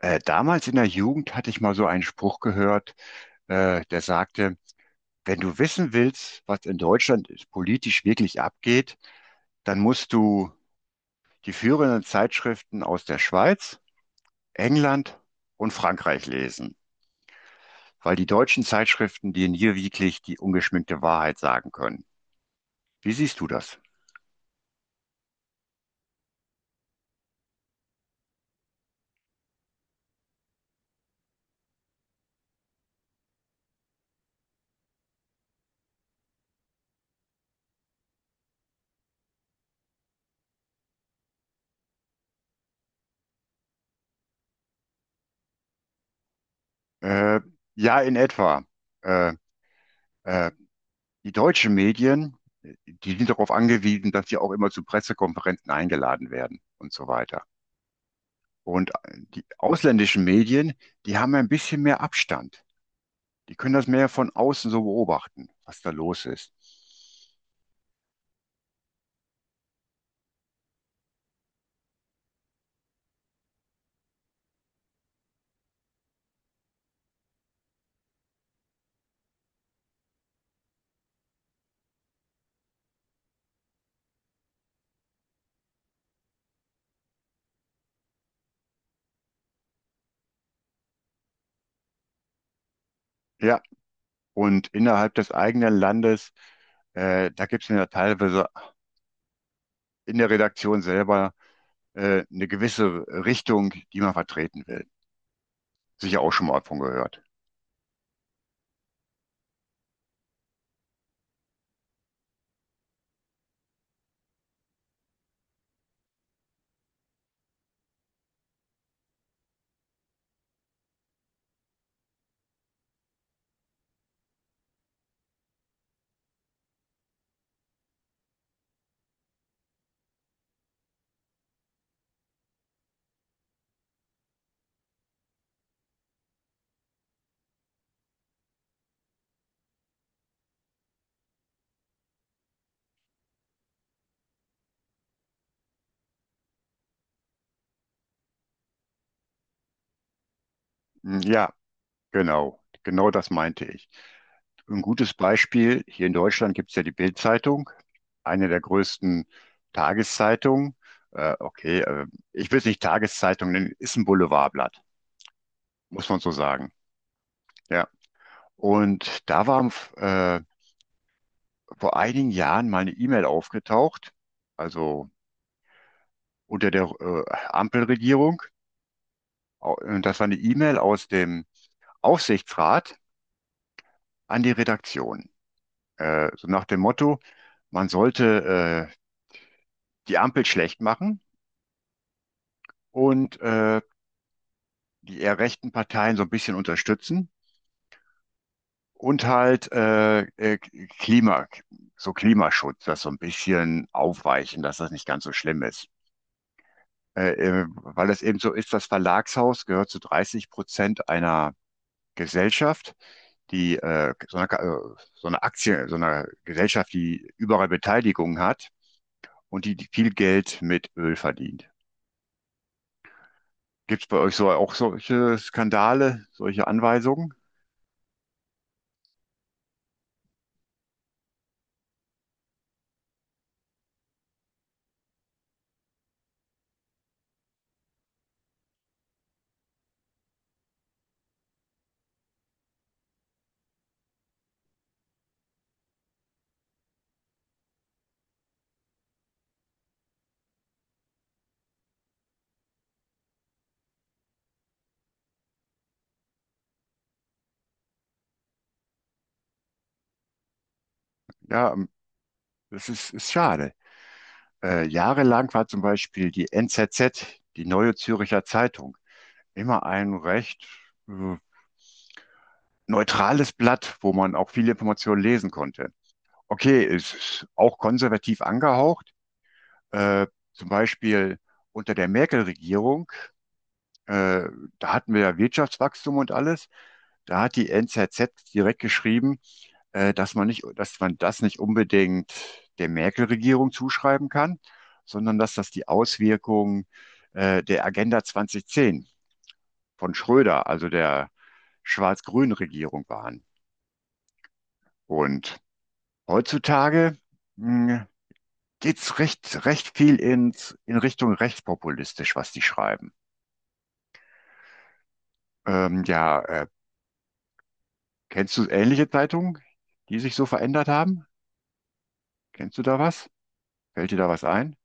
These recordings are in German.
Damals in der Jugend hatte ich mal so einen Spruch gehört, der sagte, wenn du wissen willst, was in Deutschland politisch wirklich abgeht, dann musst du die führenden Zeitschriften aus der Schweiz, England und Frankreich lesen, weil die deutschen Zeitschriften dir nie wirklich die ungeschminkte Wahrheit sagen können. Wie siehst du das? Äh, ja, in etwa. Äh, äh, die deutschen Medien, die sind darauf angewiesen, dass sie auch immer zu Pressekonferenzen eingeladen werden und so weiter. Und die ausländischen Medien, die haben ein bisschen mehr Abstand. Die können das mehr von außen so beobachten, was da los ist. Ja, und innerhalb des eigenen Landes, da gibt es ja teilweise in der Redaktion selber eine gewisse Richtung, die man vertreten will. Sicher auch schon mal davon gehört. Hm, ja, genau. Genau das meinte ich. Ein gutes Beispiel, hier in Deutschland gibt es ja die Bild-Zeitung, eine der größten Tageszeitungen. Okay, ich will es nicht Tageszeitung nennen, ist ein Boulevardblatt, muss man so sagen. Ja. Und da war äh, vor einigen Jahren mal eine E-Mail aufgetaucht, also unter der Ampelregierung. Und das war eine E-Mail aus dem Aufsichtsrat an die Redaktion. So nach dem Motto, man sollte die Ampel schlecht machen und die eher rechten Parteien so ein bisschen unterstützen und halt Klima, so Klimaschutz, das so ein bisschen aufweichen, dass das nicht ganz so schlimm ist. äh, weil es eben so ist, das Verlagshaus gehört zu 30% einer Gesellschaft, die so eine Aktie, so eine Gesellschaft, die überall Beteiligung hat und die viel Geld mit Öl verdient. Gibt es bei euch so auch solche Skandale, solche Anweisungen? Ja, das ist schade. Jahrelang war zum Beispiel die NZZ, die Neue Zürcher Zeitung, immer ein recht äh, neutrales Blatt, wo man auch viele Informationen lesen konnte. Okay, es ist auch konservativ angehaucht. Äh, zum Beispiel unter der Merkel-Regierung, äh, da hatten wir ja Wirtschaftswachstum und alles. Da hat die NZZ direkt geschrieben, dass man nicht, dass man das nicht unbedingt der Merkel-Regierung zuschreiben kann, sondern dass das die Auswirkung der Agenda 2010 von Schröder, also der schwarz-grünen Regierung waren. Und heutzutage hm, geht's recht, recht viel in Richtung rechtspopulistisch, was die schreiben. Ja, kennst du ähnliche Zeitungen, die sich so verändert haben? Kennst du da was? Fällt dir da was ein?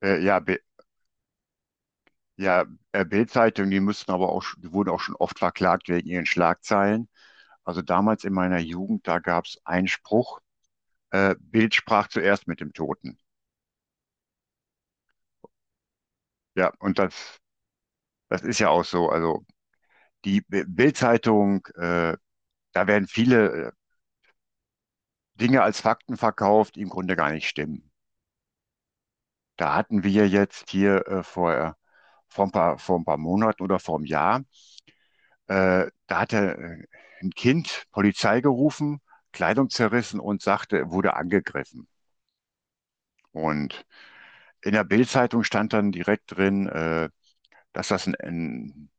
Ja, ja, Bild-Zeitung, die müssten aber auch, die wurden auch schon oft verklagt wegen ihren Schlagzeilen. Also damals in meiner Jugend, da gab's einen Spruch, Bild sprach zuerst mit dem Toten. Ja, und das ist ja auch so. Also die Bild-Zeitung, da werden viele Dinge als Fakten verkauft, die im Grunde gar nicht stimmen. Da hatten wir jetzt hier vor ein paar Monaten oder vor einem Jahr, da hatte ein Kind Polizei gerufen, Kleidung zerrissen und sagte, er wurde angegriffen. Und in der Bild-Zeitung stand dann direkt drin, dass das ein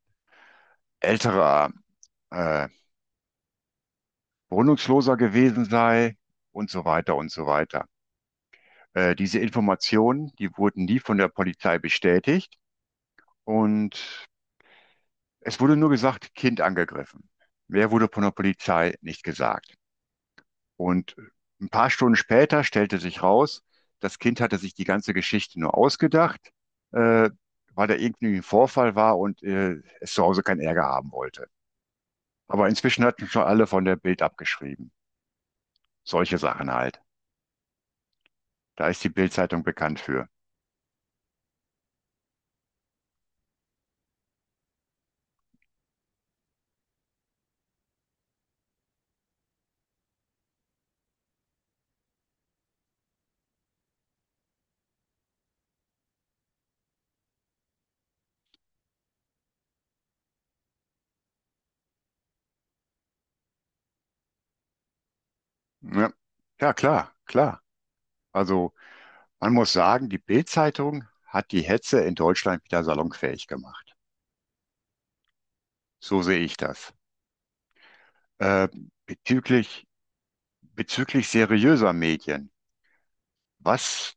älterer äh, Wohnungsloser gewesen sei und so weiter und so weiter. Diese Informationen, die wurden nie von der Polizei bestätigt und es wurde nur gesagt, Kind angegriffen. Mehr wurde von der Polizei nicht gesagt. Und ein paar Stunden später stellte sich raus, das Kind hatte sich die ganze Geschichte nur ausgedacht, äh, weil da irgendwie ein Vorfall war und es zu Hause keinen Ärger haben wollte. Aber inzwischen hatten schon alle von der Bild abgeschrieben. Solche Sachen halt. Da ist die Bild-Zeitung bekannt für. Ja, ja, klar, klar. Also man muss sagen, die Bild-Zeitung hat die Hetze in Deutschland wieder salonfähig gemacht. So sehe ich das. Äh, bezüglich, bezüglich seriöser Medien. Was,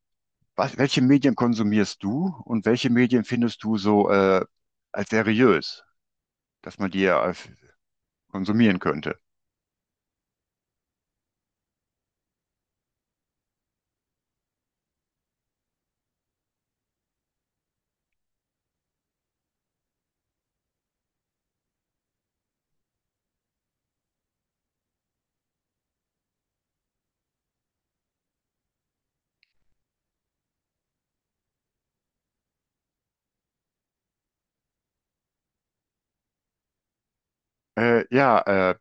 welche Medien konsumierst du und welche Medien findest du so als seriös, dass man die ja als konsumieren könnte? Ja,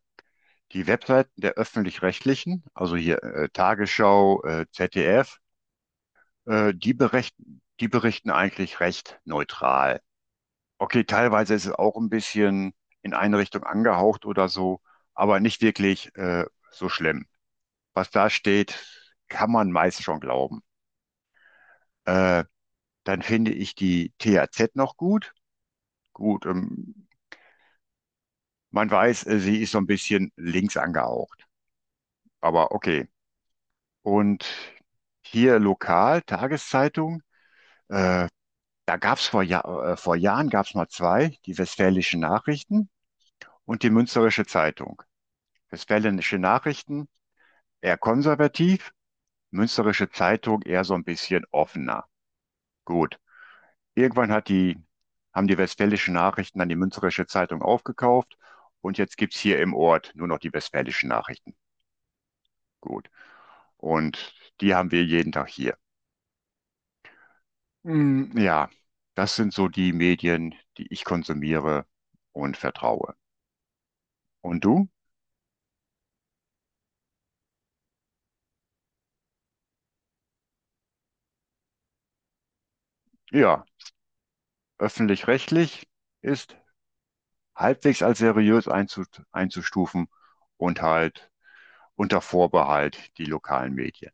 die Webseiten der öffentlich-rechtlichen, also hier Tagesschau, ZDF, die berichten eigentlich recht neutral. Okay, teilweise ist es auch ein bisschen in eine Richtung angehaucht oder so, aber nicht wirklich so schlimm. Was da steht, kann man meist schon glauben. Äh, dann finde ich die THZ noch gut. Gut, man weiß, sie ist so ein bisschen links angehaucht, aber okay. Und hier lokal, Tageszeitung, da gab es vor Jahren gab es mal zwei, die Westfälischen Nachrichten und die Münsterische Zeitung. Westfälische Nachrichten eher konservativ, Münsterische Zeitung eher so ein bisschen offener. Gut. Irgendwann hat die, haben die Westfälischen Nachrichten dann die Münsterische Zeitung aufgekauft und jetzt gibt's hier im Ort nur noch die Westfälischen Nachrichten. Gut. Und die haben wir jeden Tag hier. Mm, ja, das sind so die Medien, die ich konsumiere und vertraue. Und du? Ja, öffentlich-rechtlich ist halbwegs als seriös einzustufen und halt unter Vorbehalt die lokalen Medien.